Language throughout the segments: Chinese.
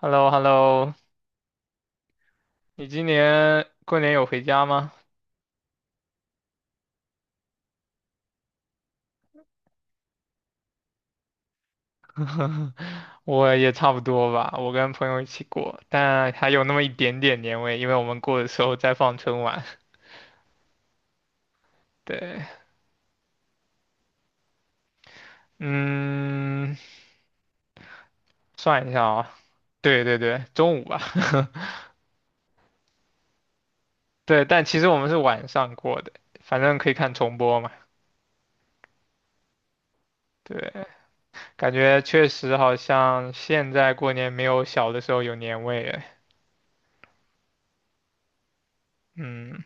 h e l l o h e l l o 你今年过年有回家吗？我也差不多吧，我跟朋友一起过，但还有那么一点点年味，因为我们过的时候在放春晚。对，嗯，算一下啊，对对对，中午吧，对，但其实我们是晚上过的，反正可以看重播嘛。对，感觉确实好像现在过年没有小的时候有年味哎。嗯，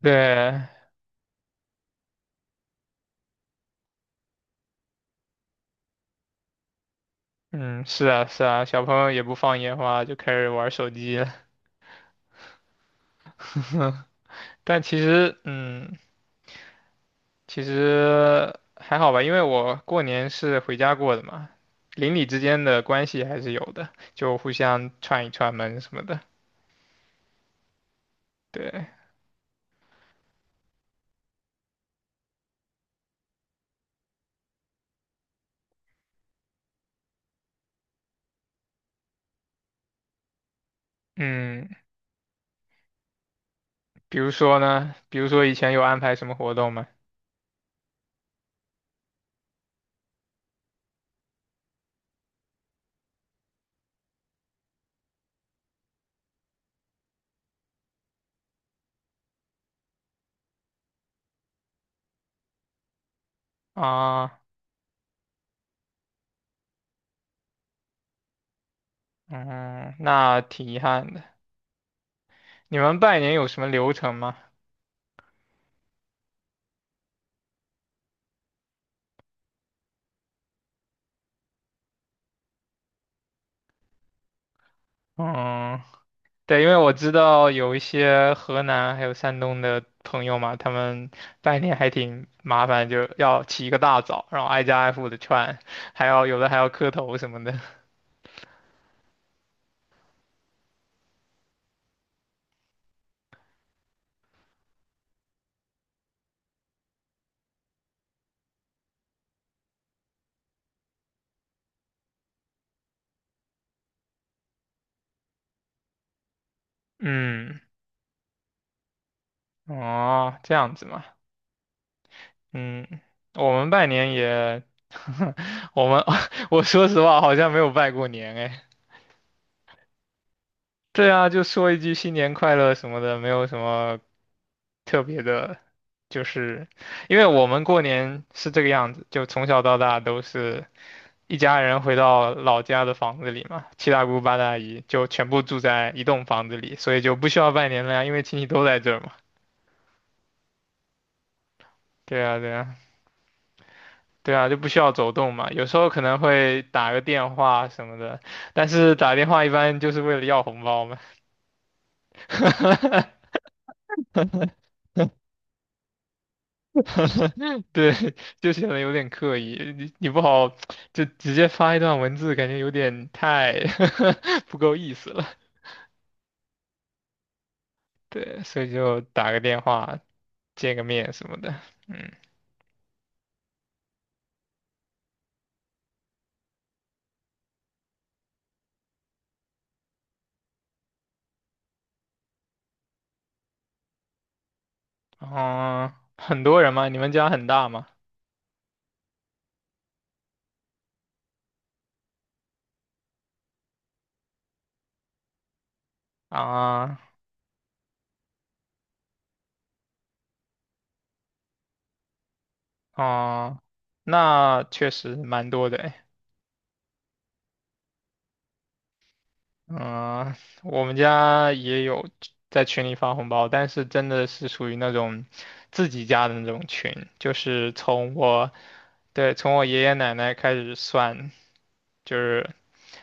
对，嗯，是啊是啊，小朋友也不放烟花，就开始玩手机了。但其实，嗯，其实还好吧，因为我过年是回家过的嘛，邻里之间的关系还是有的，就互相串一串门什么的。对，嗯，比如说呢，比如说以前有安排什么活动吗？啊，嗯，那挺遗憾的。你们拜年有什么流程吗？嗯，对，因为我知道有一些河南还有山东的朋友嘛，他们拜年还挺麻烦，就要起一个大早，然后挨家挨户的串，还要有的还要磕头什么的。嗯，哦，这样子嘛。嗯，我们拜年也，我们 我说实话好像没有拜过年哎。对啊，就说一句新年快乐什么的，没有什么特别的，就是因为我们过年是这个样子，就从小到大都是。一家人回到老家的房子里嘛，七大姑八大姨就全部住在一栋房子里，所以就不需要拜年了呀，因为亲戚都在这儿嘛。对啊，对啊，对啊，就不需要走动嘛。有时候可能会打个电话什么的，但是打电话一般就是为了要红包嘛。对，就显得有点刻意，你不好就直接发一段文字，感觉有点太 不够意思了。对，所以就打个电话见个面什么的，嗯。嗯，很多人吗？你们家很大吗？啊，啊，那确实蛮多的诶。嗯，我们家也有在群里发红包，但是真的是属于那种自己家的那种群，就是从我，对，从我爷爷奶奶开始算，就是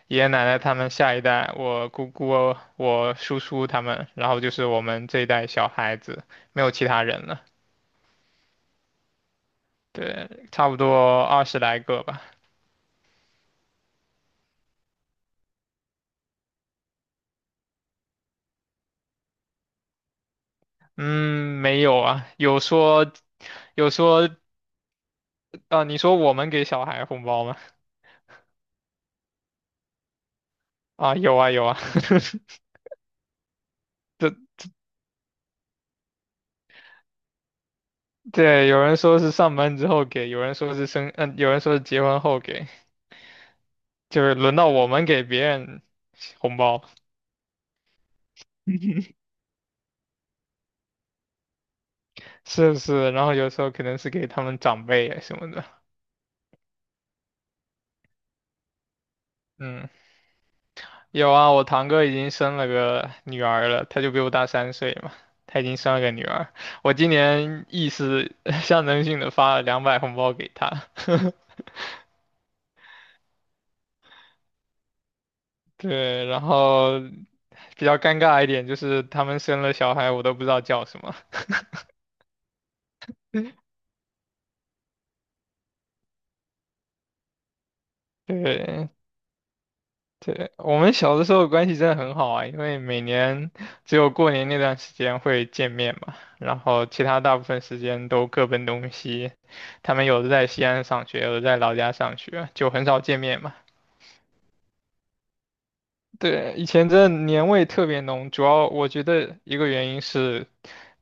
爷爷奶奶他们下一代，我姑姑、我叔叔他们，然后就是我们这一代小孩子，没有其他人了。对，差不多20来个吧。嗯，没有啊，有说有说，啊，你说我们给小孩红包吗？啊，有啊有啊，对对，有人说是上班之后给，有人说是生，嗯、有人说是结婚后给，就是轮到我们给别人红包，是不是？然后有时候可能是给他们长辈啊什么的，嗯。有啊，我堂哥已经生了个女儿了，他就比我大3岁嘛，他已经生了个女儿。我今年意思 象征性的发了200红包给他，对，然后比较尴尬一点就是他们生了小孩，我都不知道叫什么。对，对，我们小的时候关系真的很好啊，因为每年只有过年那段时间会见面嘛，然后其他大部分时间都各奔东西。他们有的在西安上学，有的在老家上学，就很少见面嘛。对，以前真的年味特别浓，主要我觉得一个原因是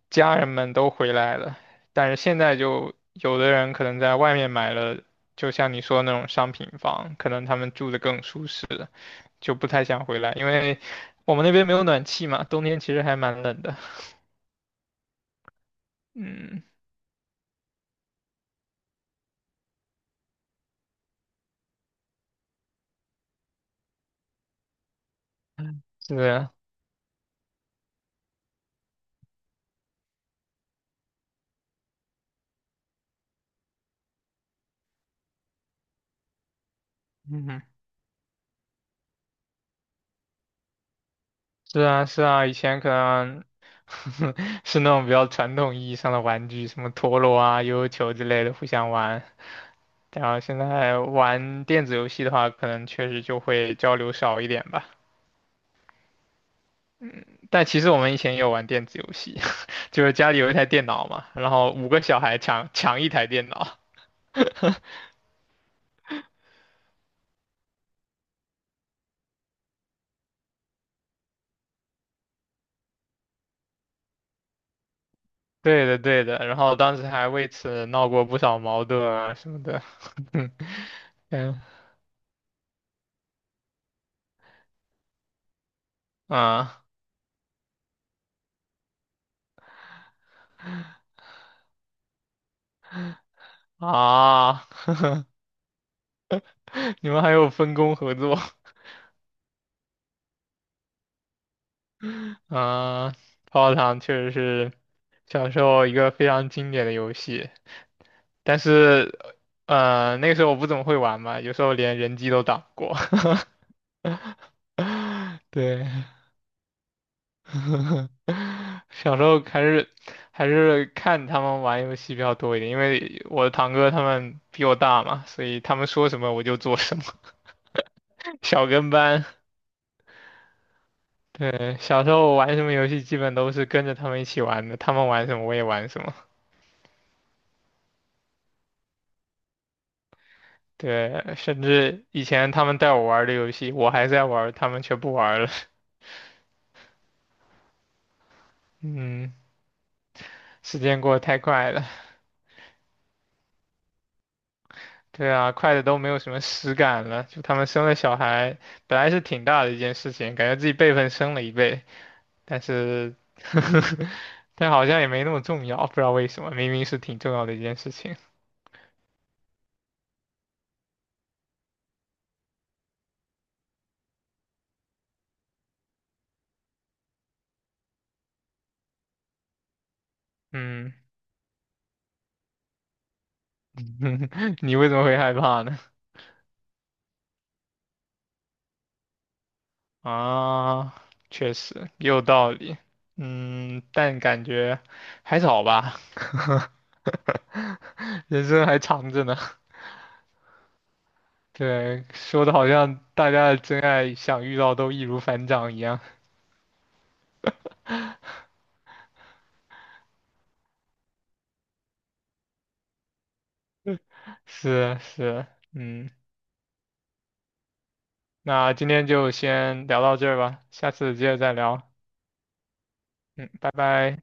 家人们都回来了，但是现在就有的人可能在外面买了，就像你说的那种商品房，可能他们住的更舒适，就不太想回来，因为我们那边没有暖气嘛，冬天其实还蛮冷的。嗯，是的，嗯哼，是啊，是啊，以前可能 是那种比较传统意义上的玩具，什么陀螺啊、悠悠球之类的，互相玩。然后现在玩电子游戏的话，可能确实就会交流少一点吧。但其实我们以前也有玩电子游戏，就是家里有一台电脑嘛，然后5个小孩抢一台电脑。对的，对的。然后当时还为此闹过不少矛盾啊什么的。嗯嗯啊啊！你们还有分工合作？嗯，泡泡糖确实是小时候一个非常经典的游戏，但是，那个时候我不怎么会玩嘛，有时候连人机都打不过。对，小时候还是看他们玩游戏比较多一点，因为我的堂哥他们比我大嘛，所以他们说什么我就做什么，小跟班。对，小时候玩什么游戏基本都是跟着他们一起玩的，他们玩什么我也玩什么。对，甚至以前他们带我玩儿的游戏，我还在玩儿他们却不玩儿了。嗯，时间过得太快了。对啊，快的都没有什么实感了。就他们生了小孩，本来是挺大的一件事情，感觉自己辈分升了一倍，但是，但好像也没那么重要，不知道为什么，明明是挺重要的一件事情。嗯，你为什么会害怕呢？啊，确实也有道理。嗯，但感觉还早吧。人生还长着呢。对，说的好像大家的真爱想遇到都易如反掌一样。是是，嗯，那今天就先聊到这儿吧，下次接着再聊。嗯，拜拜。